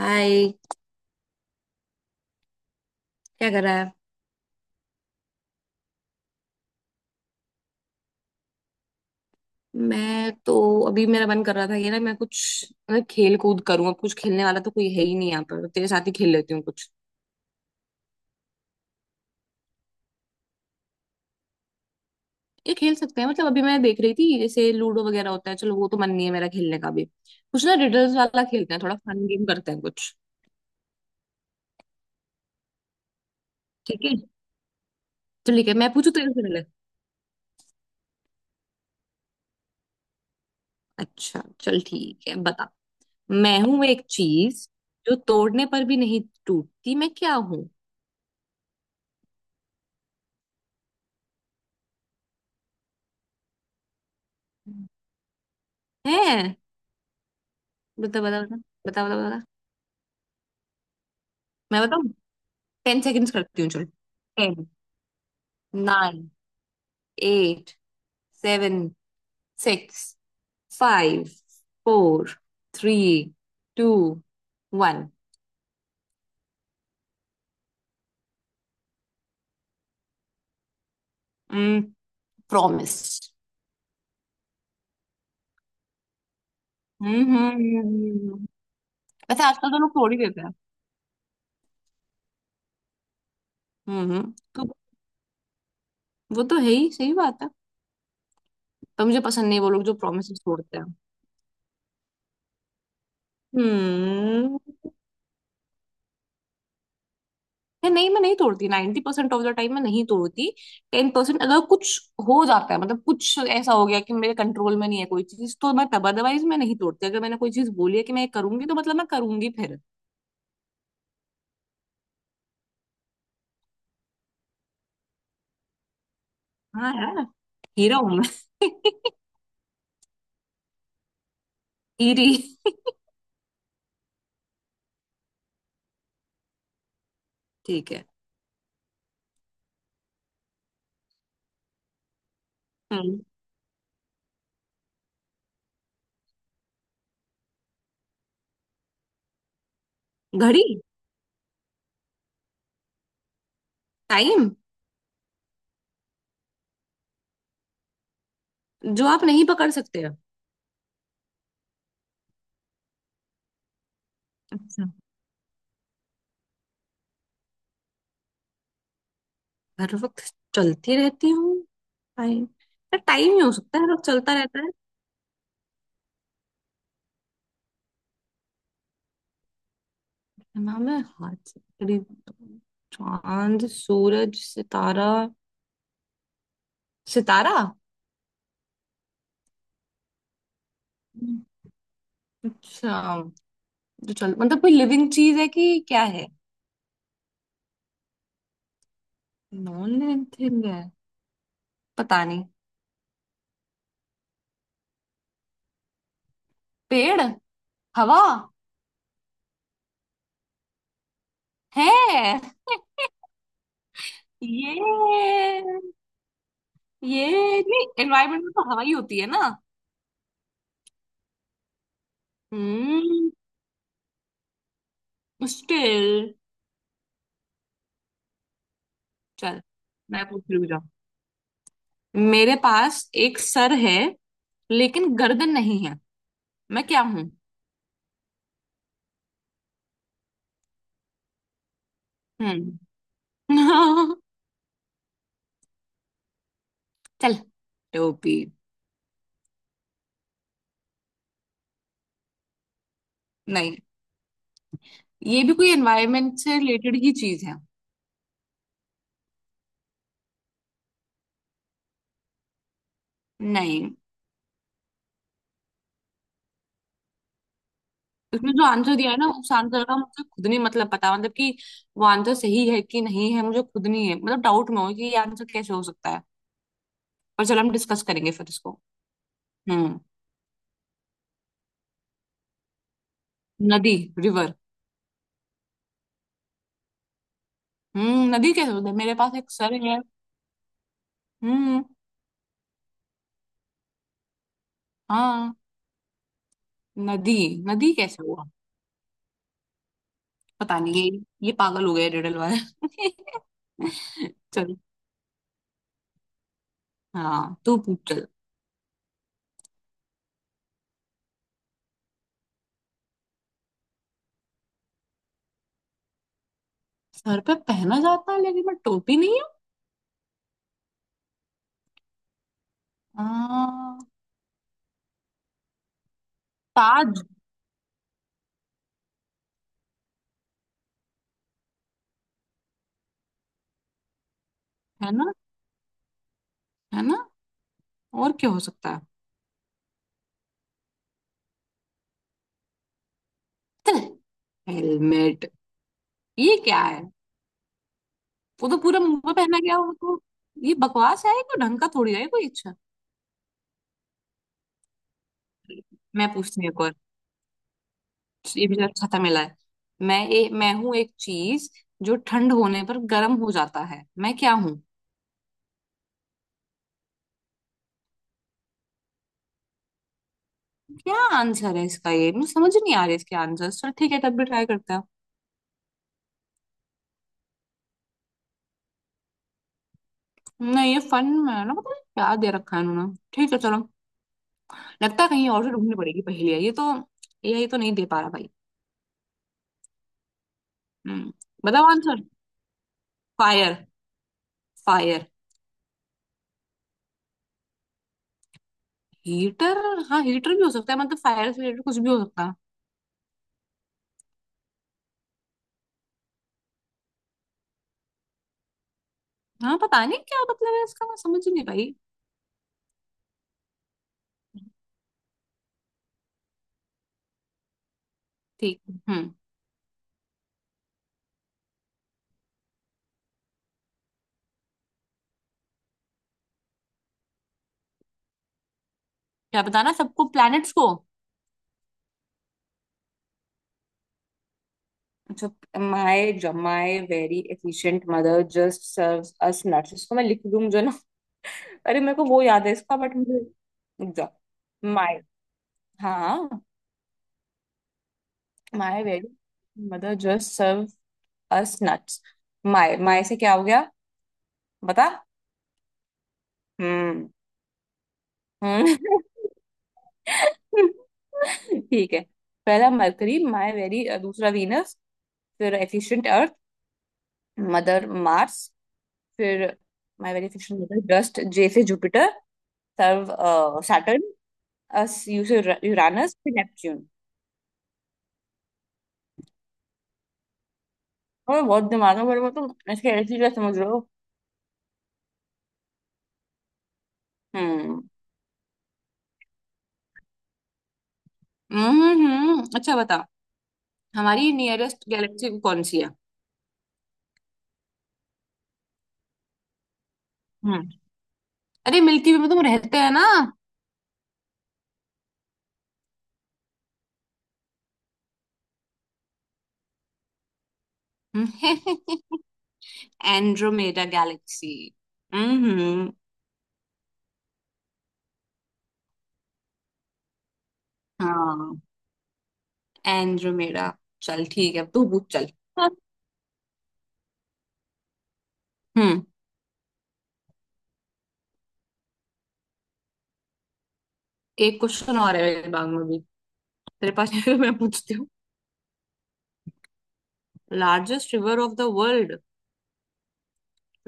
हाय। क्या कर रहा है? मैं तो अभी मेरा मन कर रहा था ये ना मैं कुछ मतलब खेल कूद करूँ। अब कुछ खेलने वाला तो कोई है ही नहीं यहाँ पर, तेरे साथ ही खेल लेती हूँ कुछ। ये खेल सकते हैं, मतलब अभी मैं देख रही थी जैसे लूडो वगैरह होता है, चलो वो तो मन नहीं है मेरा खेलने का भी। कुछ ना रिडल्स वाला खेलते हैं, थोड़ा फन गेम करते हैं कुछ। ठीक है। चल ठीक है, मैं पूछू तेरे से पहले। अच्छा चल ठीक है, बता। मैं हूँ एक चीज जो तोड़ने पर भी नहीं टूटती, मैं क्या हूँ? है। बता बता बता। बता बता बता। मैं बताऊँ? 10 सेकेंड्स करती हूँ चल। 10। 9। 8। 7। 6। 5। 4। 3। 2। 1। प्रॉमिस। हम्म हम्म वैसे आजकल तो लोग छोड़ ही देते हैं। तो वो तो है ही, सही बात है। पर मुझे पसंद नहीं वो लोग जो प्रॉमिस तोड़ते हैं। हम्म। है नहीं, मैं नहीं तोड़ती। 90 परसेंट ऑफ द टाइम मैं नहीं तोड़ती। 10% अगर कुछ हो जाता है, मतलब कुछ ऐसा हो गया कि मेरे कंट्रोल में नहीं है कोई चीज, तो मैं तब, अदरवाइज मैं नहीं तोड़ती। अगर मैंने कोई चीज बोली है कि मैं ये करूंगी, तो मतलब मैं करूंगी फिर। हाँ यार, हीरा हूं मैं। हीरी। ठीक है। हम्म। घड़ी। टाइम। जो आप नहीं पकड़ सकते। अच्छा। हर वक्त चलती रहती हूँ। टाइम। टाइम ही हो सकता है, हर वक्त चलता रहता है। ना मैं हाथ से पकड़ी-, चांद सूरज सितारा। सितारा। अच्छा, तो चल मतलब कोई लिविंग चीज है कि क्या है? नॉन लिविंग थिंग है। पता नहीं। पेड़। हवा है? ये ये नहीं एनवायरनमेंट में तो हवा ही होती है ना। हम्म। स्टिल। चल मैं पूछ रही हूँ जा। मेरे पास एक सर है लेकिन गर्दन नहीं है, मैं क्या हूं? हम्म। चल। टोपी नहीं, ये भी कोई एनवायरनमेंट से रिलेटेड ही चीज है। नहीं, उसमें जो आंसर दिया है ना उस आंसर का मुझे खुद नहीं मतलब पता, मतलब कि वो आंसर सही है कि नहीं है मुझे खुद नहीं है, मतलब डाउट में हो कि ये आंसर कैसे हो सकता है। पर चलो हम डिस्कस करेंगे फिर इसको। हम्म। नदी। रिवर। हम्म, नदी कैसे होता है मेरे पास एक सर है? हम्म। हाँ। नदी। नदी कैसे हुआ? पता नहीं ये, ये पागल हो गया रिडल वाला। चल। हाँ तू पूछ चल। सर पे पहना जाता है लेकिन मैं टोपी नहीं हूँ। हाँ, ताज। है ना? है ना? और क्या हो सकता है? हेलमेट? ये क्या है? वो तो पूरा मुंह पे पहना गया वो तो। ये बकवास है, कोई ढंग का थोड़ी है कोई अच्छा। मैं पूछती हूँ एक और, ये भी जरा अच्छा था मिला है। मैं हूं एक चीज जो ठंड होने पर गर्म हो जाता है, मैं क्या हूँ? क्या आंसर है इसका? ये मुझे समझ नहीं आ रहा है इसके आंसर। चल ठीक है, तब भी ट्राई करते हैं। नहीं ये फन में है ना, पता नहीं क्या दे रखा है इन्होंने, ठीक है चलो। लगता है कहीं और से ढूंढनी पड़ेगी पहेलियाँ ये तो, यही तो नहीं दे पा रहा भाई। हम्म। बताओ आंसर। फायर। फायर। हीटर। हाँ हीटर भी हो सकता है, मतलब फायर से रिलेटेड कुछ भी हो सकता है। हाँ पता नहीं क्या मतलब है इसका, मैं समझ ही नहीं पाई। ठीक। हम्म। क्या बताना, सबको प्लैनेट्स को? अच्छा। My my very efficient mother just serves us nuts, इसको मैं लिख दूं जो ना। अरे मेरे को वो याद है इसका, बट मुझे रुक जा। माय। हाँ। My very mother just serve us nuts. My my से क्या हो गया? बता। हम्म हम्म। ठीक है। पहला मरकरी, माय वेरी दूसरा वीनस, फिर एफिशिएंट अर्थ, मदर मार्स, फिर my very efficient mother dust, J से Jupiter, serve Saturn, us U से यूरानस, फिर नेपच्यून। और बहुत दिमाग है, बड़े तुम इसके ऐसी क्या समझ रहे हो। हम्म अच्छा बता। हमारी नियरेस्ट गैलेक्सी कौन सी है? हम्म। अरे मिल्की वे में तुम रहते हैं ना। Andromeda galaxy. हम्म। हाँ एंड्रोमेडा। चल ठीक है, तू पूछ चल। हम्म। एक क्वेश्चन और है मेरे दिमाग में भी, तेरे पास है तो मैं पूछती हूँ। Largest river of the world?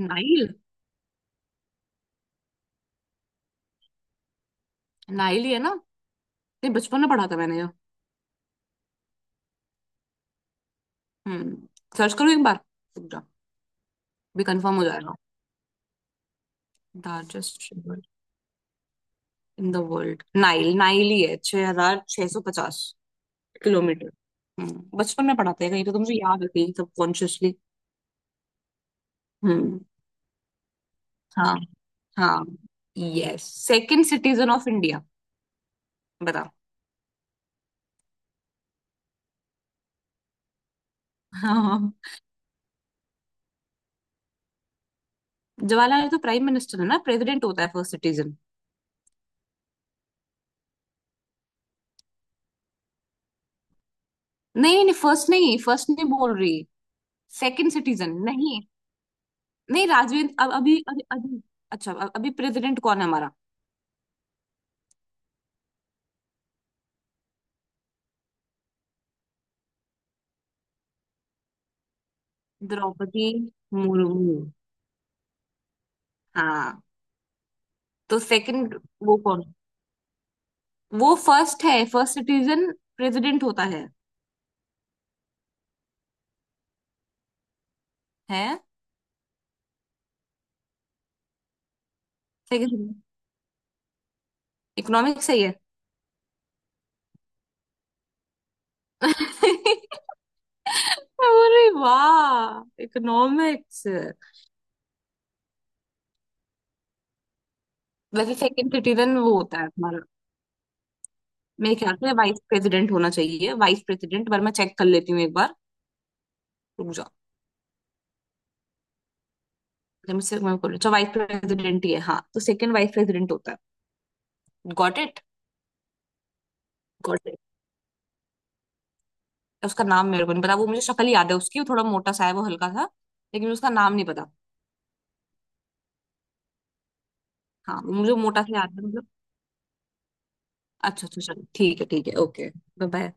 Nile. Nile ही है ना? ये बचपन में पढ़ा था मैंने ये। हम्म। सर्च करूँ एक बार, रुक जा, भी कंफर्म हो जाएगा। Largest river in the world. Nile. Nile ही है। 6,650 किलोमीटर। हम्म। बचपन में पढ़ाते हैं कहीं तो, तुमसे याद है कहीं सब कॉन्शियसली। हम्म। हाँ। हाँ। Yes. Second citizen of India, बताओ। हाँ। जवाहरलाल नेहरू तो प्राइम मिनिस्टर है ना, प्रेसिडेंट होता है फर्स्ट सिटीजन। नहीं नहीं नहीं फर्स्ट नहीं, फर्स्ट नहीं बोल रही। Second citizen. नहीं नहीं राजवीर, अब अभी अभी अभी अच्छा अभी प्रेसिडेंट कौन है हमारा? द्रौपदी मुर्मू। हाँ। तो सेकंड? वो कौन? वो फर्स्ट है, फर्स्ट सिटीजन, प्रेसिडेंट होता है। है। सेकंड। इकोनॉमिक्स सही है। अरे वाह, इकोनॉमिक्स। वैसे सेकंड सिटीजन वो होता है हमारा, मेरे ख्याल से वाइस प्रेसिडेंट होना चाहिए। वाइस प्रेसिडेंट, पर मैं चेक कर लेती हूँ एक बार, रुक जाओ। जब मुझसे मैं बोलूँ। अच्छा वाइस प्रेसिडेंट ही है, हाँ। तो सेकंड वाइस प्रेसिडेंट होता है। Got it. Got it. उसका नाम मेरे को नहीं पता, वो मुझे शक्ल याद है उसकी, वो थोड़ा मोटा सा है वो, हल्का सा। लेकिन उसका नाम नहीं पता। हाँ वो मुझे मोटा सा याद है, मतलब। अच्छा अच्छा चलो ठीक है, ठीक है, ओके। बाय।